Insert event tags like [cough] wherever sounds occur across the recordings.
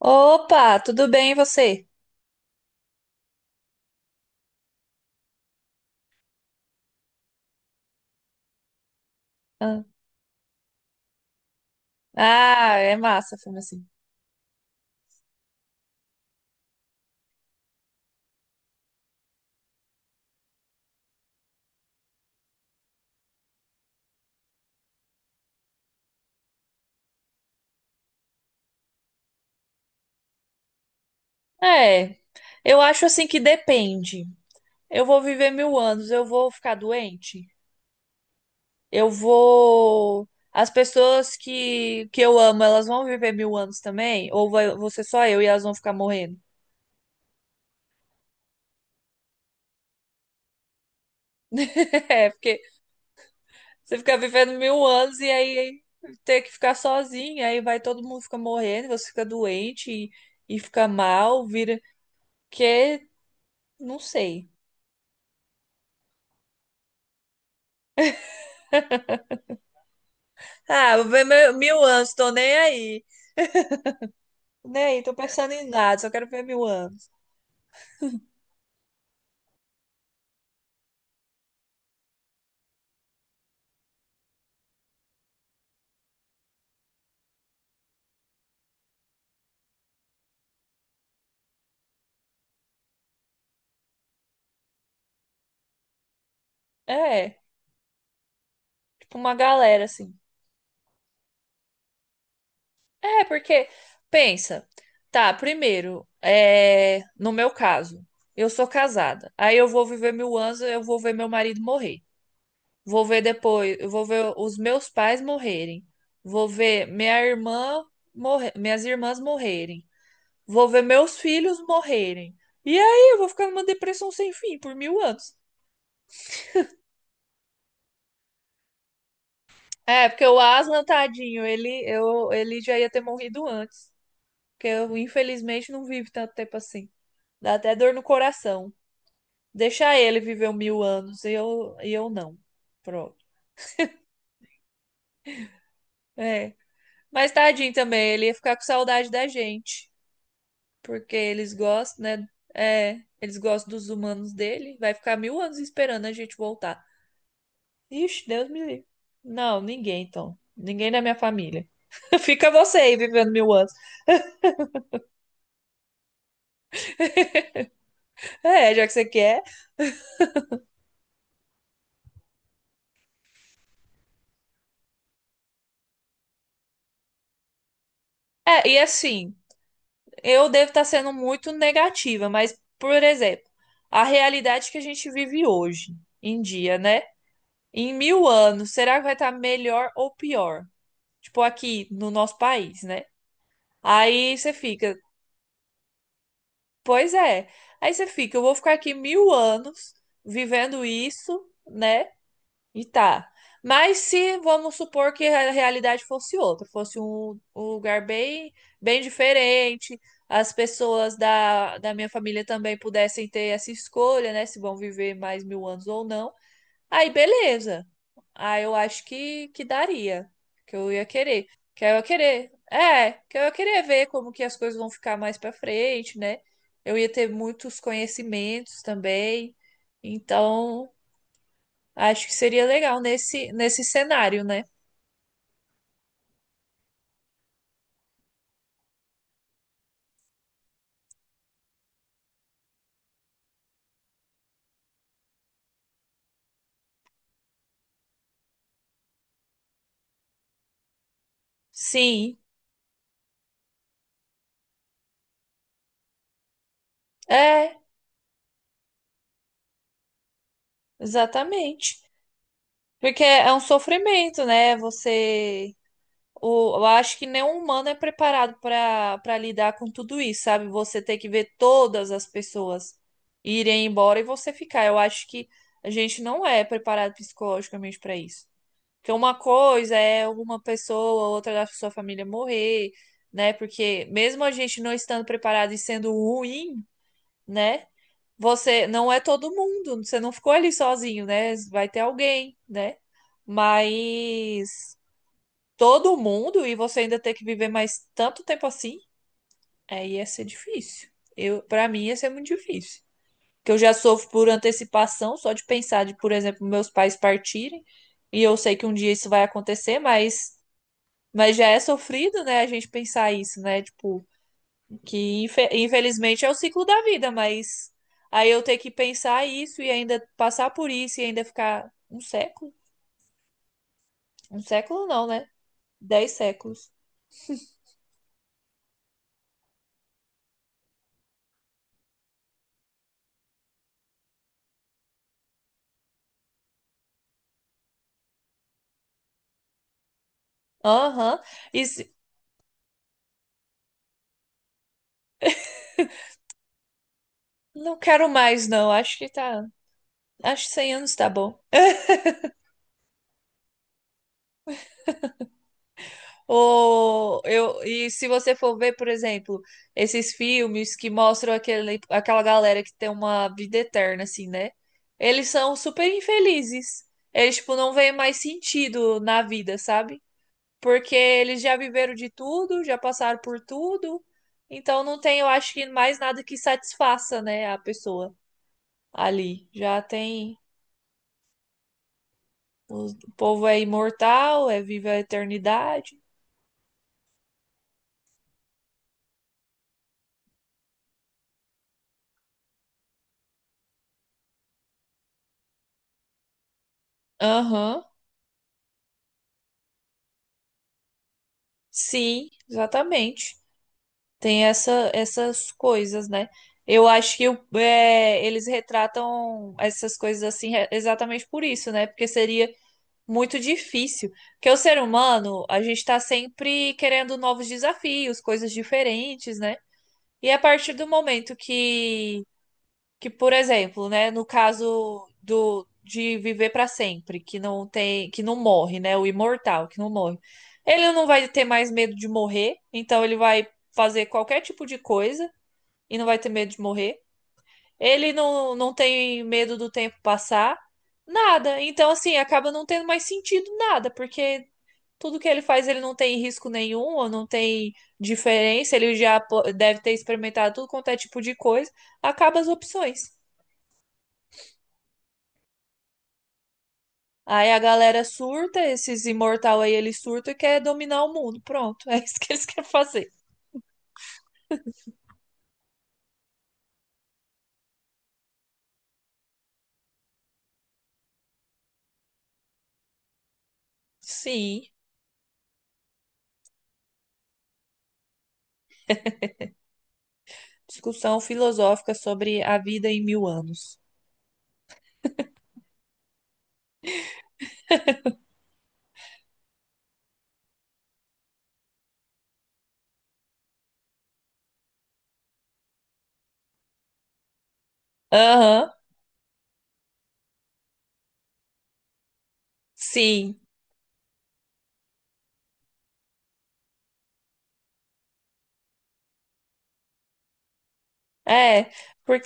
Opa, tudo bem e você? Ah, ah, é massa filme assim. É, eu acho assim que depende. Eu vou viver 1.000 anos, eu vou ficar doente? Eu vou. As pessoas que eu amo, elas vão viver 1.000 anos também? Ou vou ser só eu e elas vão ficar morrendo? [laughs] É, porque você fica vivendo 1.000 anos e aí ter que ficar sozinha, aí vai todo mundo fica morrendo, você fica doente e fica mal, vira. Que, não sei. Ah, vou ver 1.000 anos, tô nem aí. Nem aí, tô pensando em nada, só quero ver 1.000 anos. É, tipo uma galera, assim. É, porque, pensa, tá, primeiro, é, no meu caso, eu sou casada. Aí eu vou viver 1.000 anos, eu vou ver meu marido morrer. Vou ver depois, eu vou ver os meus pais morrerem. Vou ver minha irmã morrer, minhas irmãs morrerem. Vou ver meus filhos morrerem. E aí, eu vou ficar numa depressão sem fim por 1.000 anos. É, porque o Aslan, tadinho, ele já ia ter morrido antes. Porque eu, infelizmente, não vivo tanto tempo assim. Dá até dor no coração. Deixar ele viver mil anos e eu não. Pronto. É. Mas tadinho também, ele ia ficar com saudade da gente. Porque eles gostam, né? É, eles gostam dos humanos dele. Vai ficar 1.000 anos esperando a gente voltar. Ixi, Deus me livre. Não, ninguém, então. Ninguém da minha família. [laughs] Fica você aí vivendo 1.000 anos. É, já que você quer. É, e assim, eu devo estar sendo muito negativa, mas, por exemplo, a realidade que a gente vive hoje em dia, né? Em 1.000 anos, será que vai estar melhor ou pior? Tipo, aqui no nosso país, né? Aí você fica, pois é. Aí você fica, eu vou ficar aqui 1.000 anos vivendo isso, né? E tá. Mas se vamos supor que a realidade fosse outra, fosse um, um lugar bem, bem diferente, as pessoas da minha família também pudessem ter essa escolha, né? Se vão viver mais 1.000 anos ou não. Aí, beleza. Aí eu acho que daria. Que eu ia querer. Que eu ia querer. É, que eu ia querer ver como que as coisas vão ficar mais pra frente, né? Eu ia ter muitos conhecimentos também. Então. Acho que seria legal nesse cenário, né? Sim, é, exatamente. Porque é um sofrimento, né? Você. O, eu acho que nenhum humano é preparado para lidar com tudo isso, sabe? Você ter que ver todas as pessoas irem embora e você ficar. Eu acho que a gente não é preparado psicologicamente para isso. Porque uma coisa é uma pessoa, outra da sua família morrer, né? Porque mesmo a gente não estando preparado e sendo ruim, né? Você não é todo mundo, você não ficou ali sozinho, né? Vai ter alguém, né? Mas todo mundo e você ainda ter que viver mais tanto tempo assim, aí ia ser difícil. Eu, para mim ia ser muito difícil. Que eu já sofro por antecipação, só de pensar de, por exemplo, meus pais partirem, e eu sei que um dia isso vai acontecer, mas já é sofrido, né, a gente pensar isso, né? Tipo, que infelizmente é o ciclo da vida, mas aí eu ter que pensar isso e ainda passar por isso e ainda ficar um século? Um século não, né? 10 séculos. Aham. E se- não quero mais, não. Acho que tá. Acho que 100 anos tá bom. Ou eu, e se você for ver, por exemplo, esses filmes que mostram aquele, aquela galera que tem uma vida eterna, assim, né? Eles são super infelizes. Eles, tipo, não veem mais sentido na vida, sabe? Porque eles já viveram de tudo, já passaram por tudo, então não tem, eu acho que mais nada que satisfaça, né, a pessoa ali. Já tem, o povo é imortal, é vive a eternidade. Aham, sim, exatamente. Tem essa, essas coisas, né? Eu acho que o- é, eles retratam essas coisas assim exatamente por isso, né? Porque seria muito difícil. Porque o ser humano, a gente está sempre querendo novos desafios, coisas diferentes, né? E a partir do momento que por exemplo, né, no caso do de viver para sempre, que não tem, que não morre, né, o imortal, que não morre. Ele não vai ter mais medo de morrer, então ele vai fazer qualquer tipo de coisa e não vai ter medo de morrer. Ele não tem medo do tempo passar. Nada. Então, assim, acaba não tendo mais sentido nada, porque tudo que ele faz, ele não tem risco nenhum, ou não tem diferença, ele já deve ter experimentado tudo quanto é tipo de coisa, acaba as opções. Aí a galera surta, esses imortal aí, ele surta e quer dominar o mundo. Pronto, [laughs] é isso que eles [laughs] querem fazer. Sim, discussão filosófica sobre a vida em 1.000 anos. Aham, sim. É, por...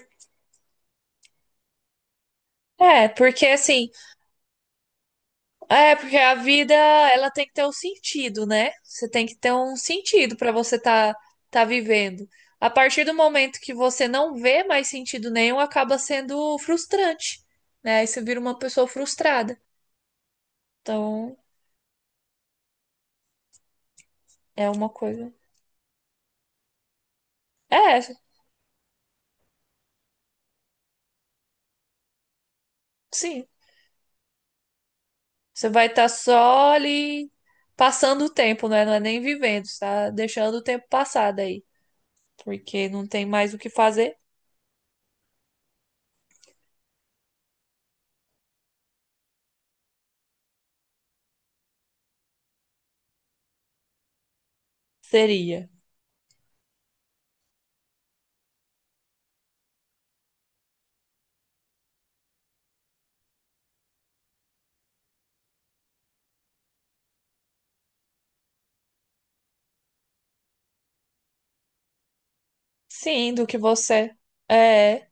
é, porque assim, é, porque a vida, ela tem que ter um sentido, né? Você tem que ter um sentido para você tá vivendo. A partir do momento que você não vê mais sentido nenhum, acaba sendo frustrante, né? Aí você vira uma pessoa frustrada. Então, é uma coisa. É, sim. Você vai estar só ali passando o tempo, né? Não é nem vivendo, você tá deixando o tempo passar daí, porque não tem mais o que fazer. Seria. Sim, do que você. É.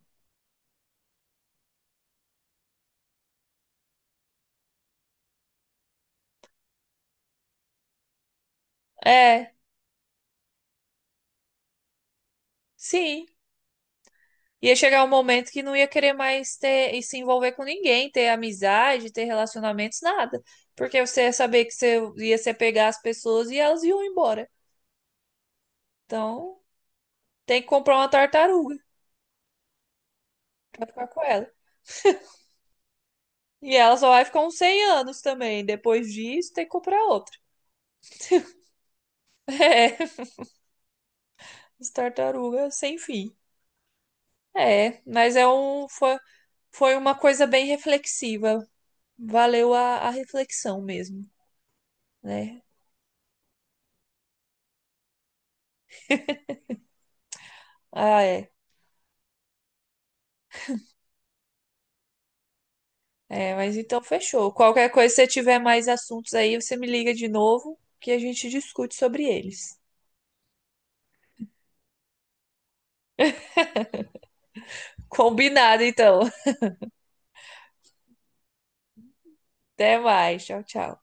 É, sim. Ia chegar um momento que não ia querer mais ter e se envolver com ninguém, ter amizade, ter relacionamentos, nada. Porque você ia saber que você ia se apegar às pessoas e elas iam embora. Então, tem que comprar uma tartaruga pra ficar com ela. E ela só vai ficar uns 100 anos também. Depois disso, tem que comprar outra. [laughs] É, as tartarugas sem fim. É, mas é um, foi, foi uma coisa bem reflexiva. Valeu a reflexão mesmo, né? Ah, é. É, mas então fechou. Qualquer coisa, se você tiver mais assuntos aí, você me liga de novo que a gente discute sobre eles. Combinado, então. [laughs] Até mais. Tchau, tchau.